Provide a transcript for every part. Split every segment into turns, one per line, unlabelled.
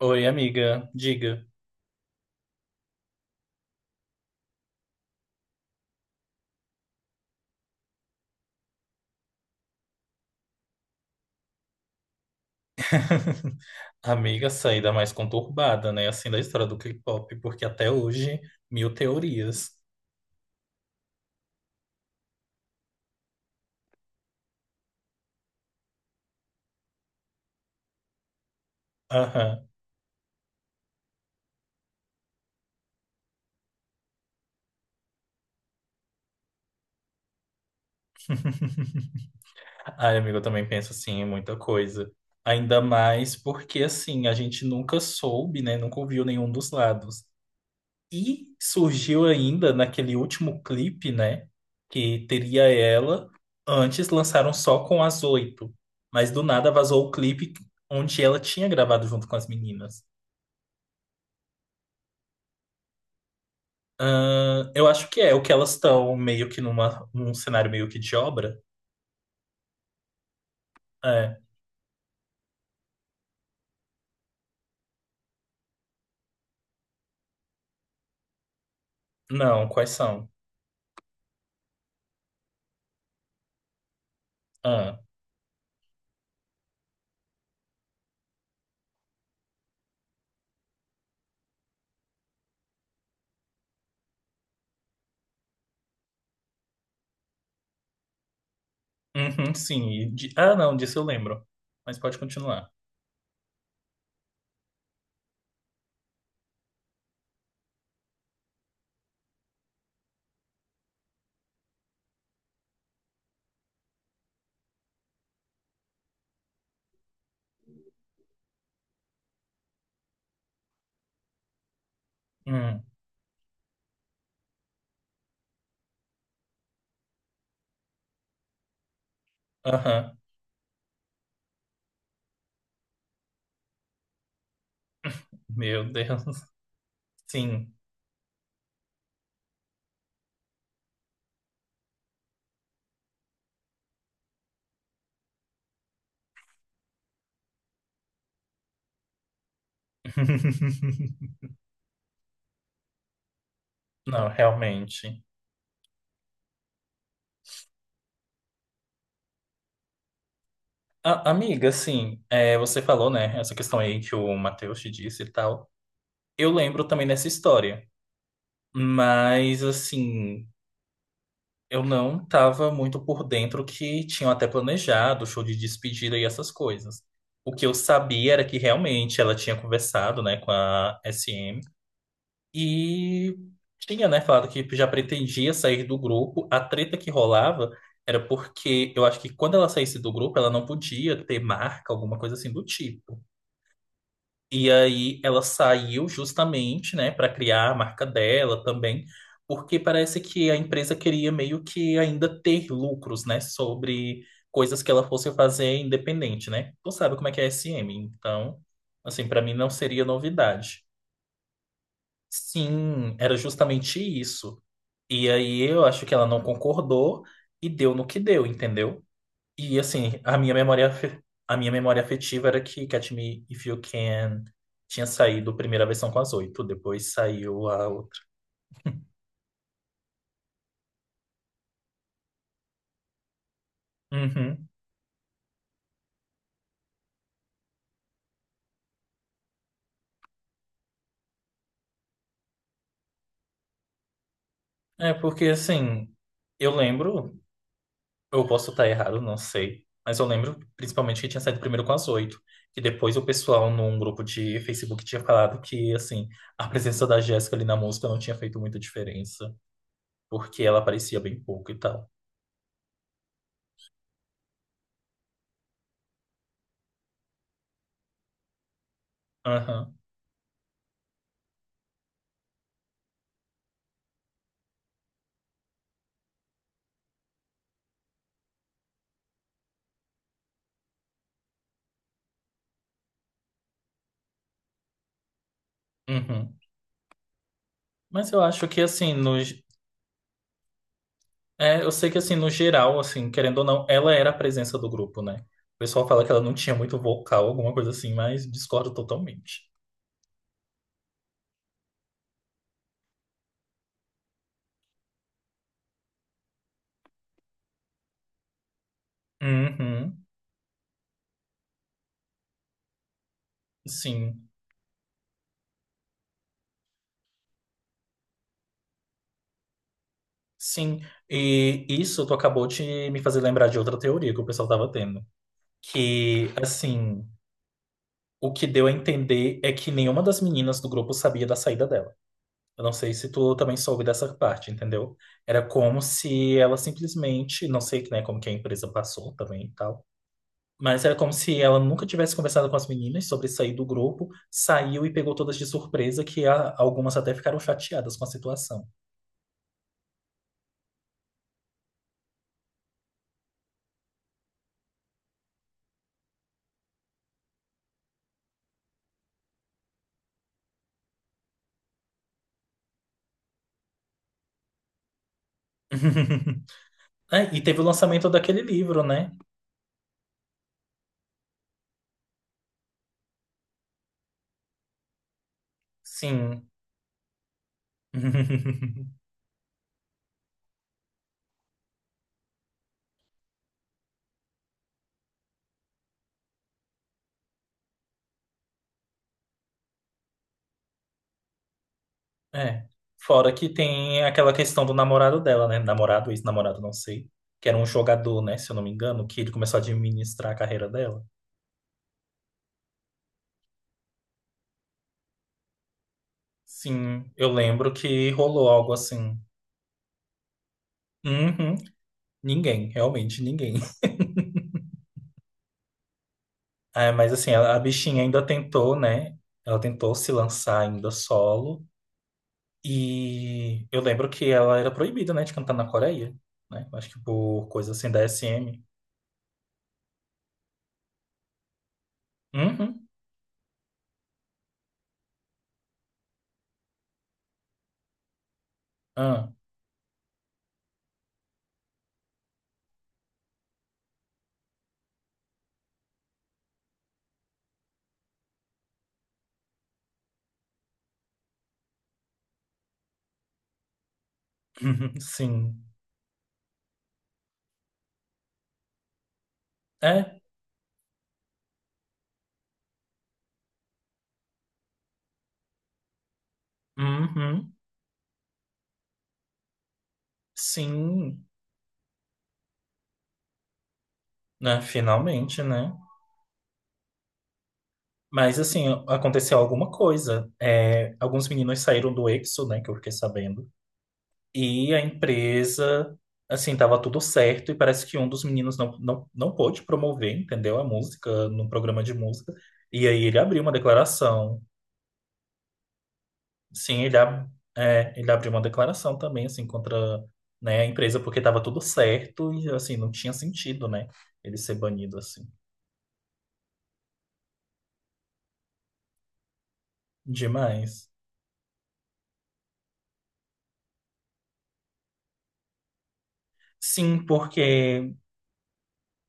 Oi, amiga, diga. Amiga, saída mais conturbada, né? Assim, da história do K-pop, porque até hoje, mil teorias. Aham. Ai, amiga, eu também penso assim, em muita coisa. Ainda mais porque, assim, a gente nunca soube, né? Nunca ouviu nenhum dos lados. E surgiu ainda naquele último clipe, né? Que teria ela. Antes lançaram só com as oito. Mas do nada vazou o clipe onde ela tinha gravado junto com as meninas. Ah, eu acho que é o que elas estão meio que num cenário meio que de obra. É. Não, quais são? Ah, uhum, sim. Ah, não, disso eu lembro. Mas pode continuar. Hum. Aham. Meu Deus. Sim. Não, realmente. Amiga, assim, é, você falou, né, essa questão aí que o Matheus te disse e tal. Eu lembro também dessa história. Mas, assim. Eu não estava muito por dentro que tinham até planejado show de despedida e essas coisas. O que eu sabia era que realmente ela tinha conversado, né, com a SM e tinha, né, falado que já pretendia sair do grupo. A treta que rolava era porque eu acho que quando ela saísse do grupo, ela não podia ter marca, alguma coisa assim do tipo. E aí ela saiu justamente, né, para criar a marca dela também, porque parece que a empresa queria meio que ainda ter lucros, né, sobre coisas que ela fosse fazer independente, né? Tu sabe como é que é a SM, então, assim, para mim não seria novidade. Sim, era justamente isso. E aí eu acho que ela não concordou e deu no que deu, entendeu? E assim, a minha memória, a minha memória afetiva era que Catch Me If You Can tinha saído a primeira versão com as oito, depois saiu a outra. Uhum. É porque assim, eu lembro, eu posso estar errado, não sei, mas eu lembro principalmente que tinha saído primeiro com as oito, que depois o pessoal num grupo de Facebook tinha falado que assim, a presença da Jéssica ali na música não tinha feito muita diferença, porque ela aparecia bem pouco e tal. Aham. Uhum. Mas eu acho que, assim, no. É, eu sei que assim, no geral, assim, querendo ou não, ela era a presença do grupo, né? O pessoal fala que ela não tinha muito vocal, alguma coisa assim, mas discordo totalmente. Uhum, sim, sim. E isso tu acabou de me fazer lembrar de outra teoria que o pessoal tava tendo. Que, assim, o que deu a entender é que nenhuma das meninas do grupo sabia da saída dela. Eu não sei se tu também soube dessa parte, entendeu? Era como se ela simplesmente, não sei, né, como que a empresa passou também e tal. Mas era como se ela nunca tivesse conversado com as meninas sobre sair do grupo, saiu e pegou todas de surpresa, que algumas até ficaram chateadas com a situação. É, e teve o lançamento daquele livro, né? Sim. É. Fora que tem aquela questão do namorado dela, né? Namorado, ex-namorado, não sei. Que era um jogador, né? Se eu não me engano, que ele começou a administrar a carreira dela. Sim, eu lembro que rolou algo assim. Uhum. Ninguém, realmente ninguém. É, mas assim, a bichinha ainda tentou, né? Ela tentou se lançar ainda solo. E eu lembro que ela era proibida, né, de cantar na Coreia, né? Acho que por coisa assim da SM. Uhum. Ah. Sim. É. Uhum. Sim. Né, finalmente, né? Mas assim, aconteceu alguma coisa. É, alguns meninos saíram do EXO, né, que eu fiquei sabendo. E a empresa, assim, tava tudo certo, e parece que um dos meninos não pôde promover, entendeu? A música num programa de música. E aí ele abriu uma declaração. Sim, é, ele abriu uma declaração também, assim, contra, né, a empresa, porque tava tudo certo e, assim, não tinha sentido, né? Ele ser banido, assim. Demais. Sim, porque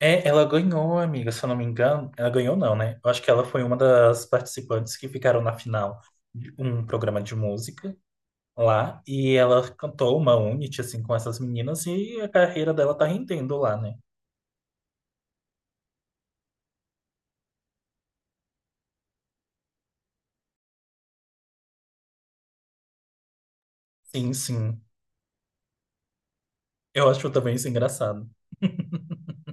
é, ela ganhou, amiga, se eu não me engano. Ela ganhou, não, né? Eu acho que ela foi uma das participantes que ficaram na final de um programa de música lá e ela cantou uma unity assim com essas meninas e a carreira dela tá rendendo lá, né? Sim, sim. Eu acho também isso engraçado.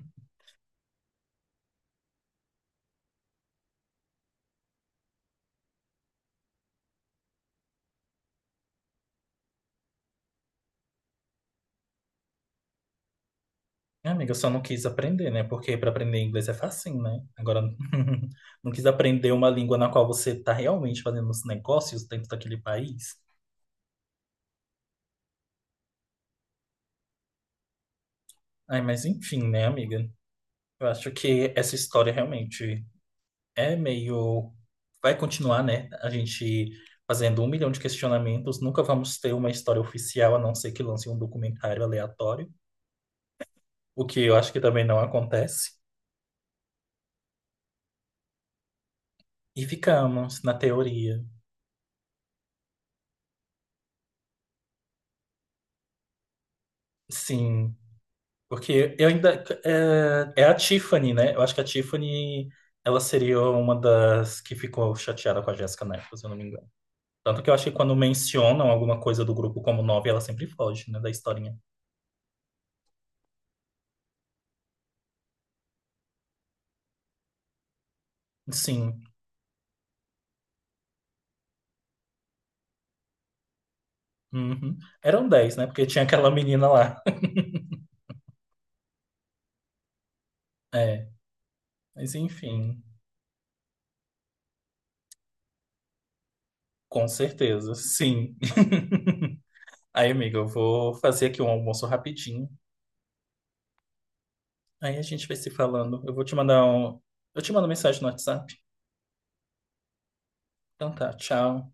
Minha Amiga, eu só não quis aprender, né? Porque para aprender inglês é facinho, né? Agora, não quis aprender uma língua na qual você tá realmente fazendo os negócios dentro daquele país. Ai, mas enfim, né, amiga? Eu acho que essa história realmente é meio. Vai continuar, né? A gente fazendo um milhão de questionamentos. Nunca vamos ter uma história oficial, a não ser que lance um documentário aleatório, o que eu acho que também não acontece. E ficamos na teoria. Sim, porque eu ainda. É, é a Tiffany, né? Eu acho que a Tiffany. Ela seria uma das que ficou chateada com a Jéssica Neto, se eu não me engano. Tanto que eu acho que quando mencionam alguma coisa do grupo como nove, ela sempre foge, né, da historinha. Sim. Uhum. Eram 10 né? Porque tinha aquela menina lá. É, mas enfim, com certeza, sim. Aí, amiga, eu vou fazer aqui um almoço rapidinho. Aí a gente vai se falando. Eu vou te mandar um. Eu te mando mensagem no WhatsApp. Então tá, tchau.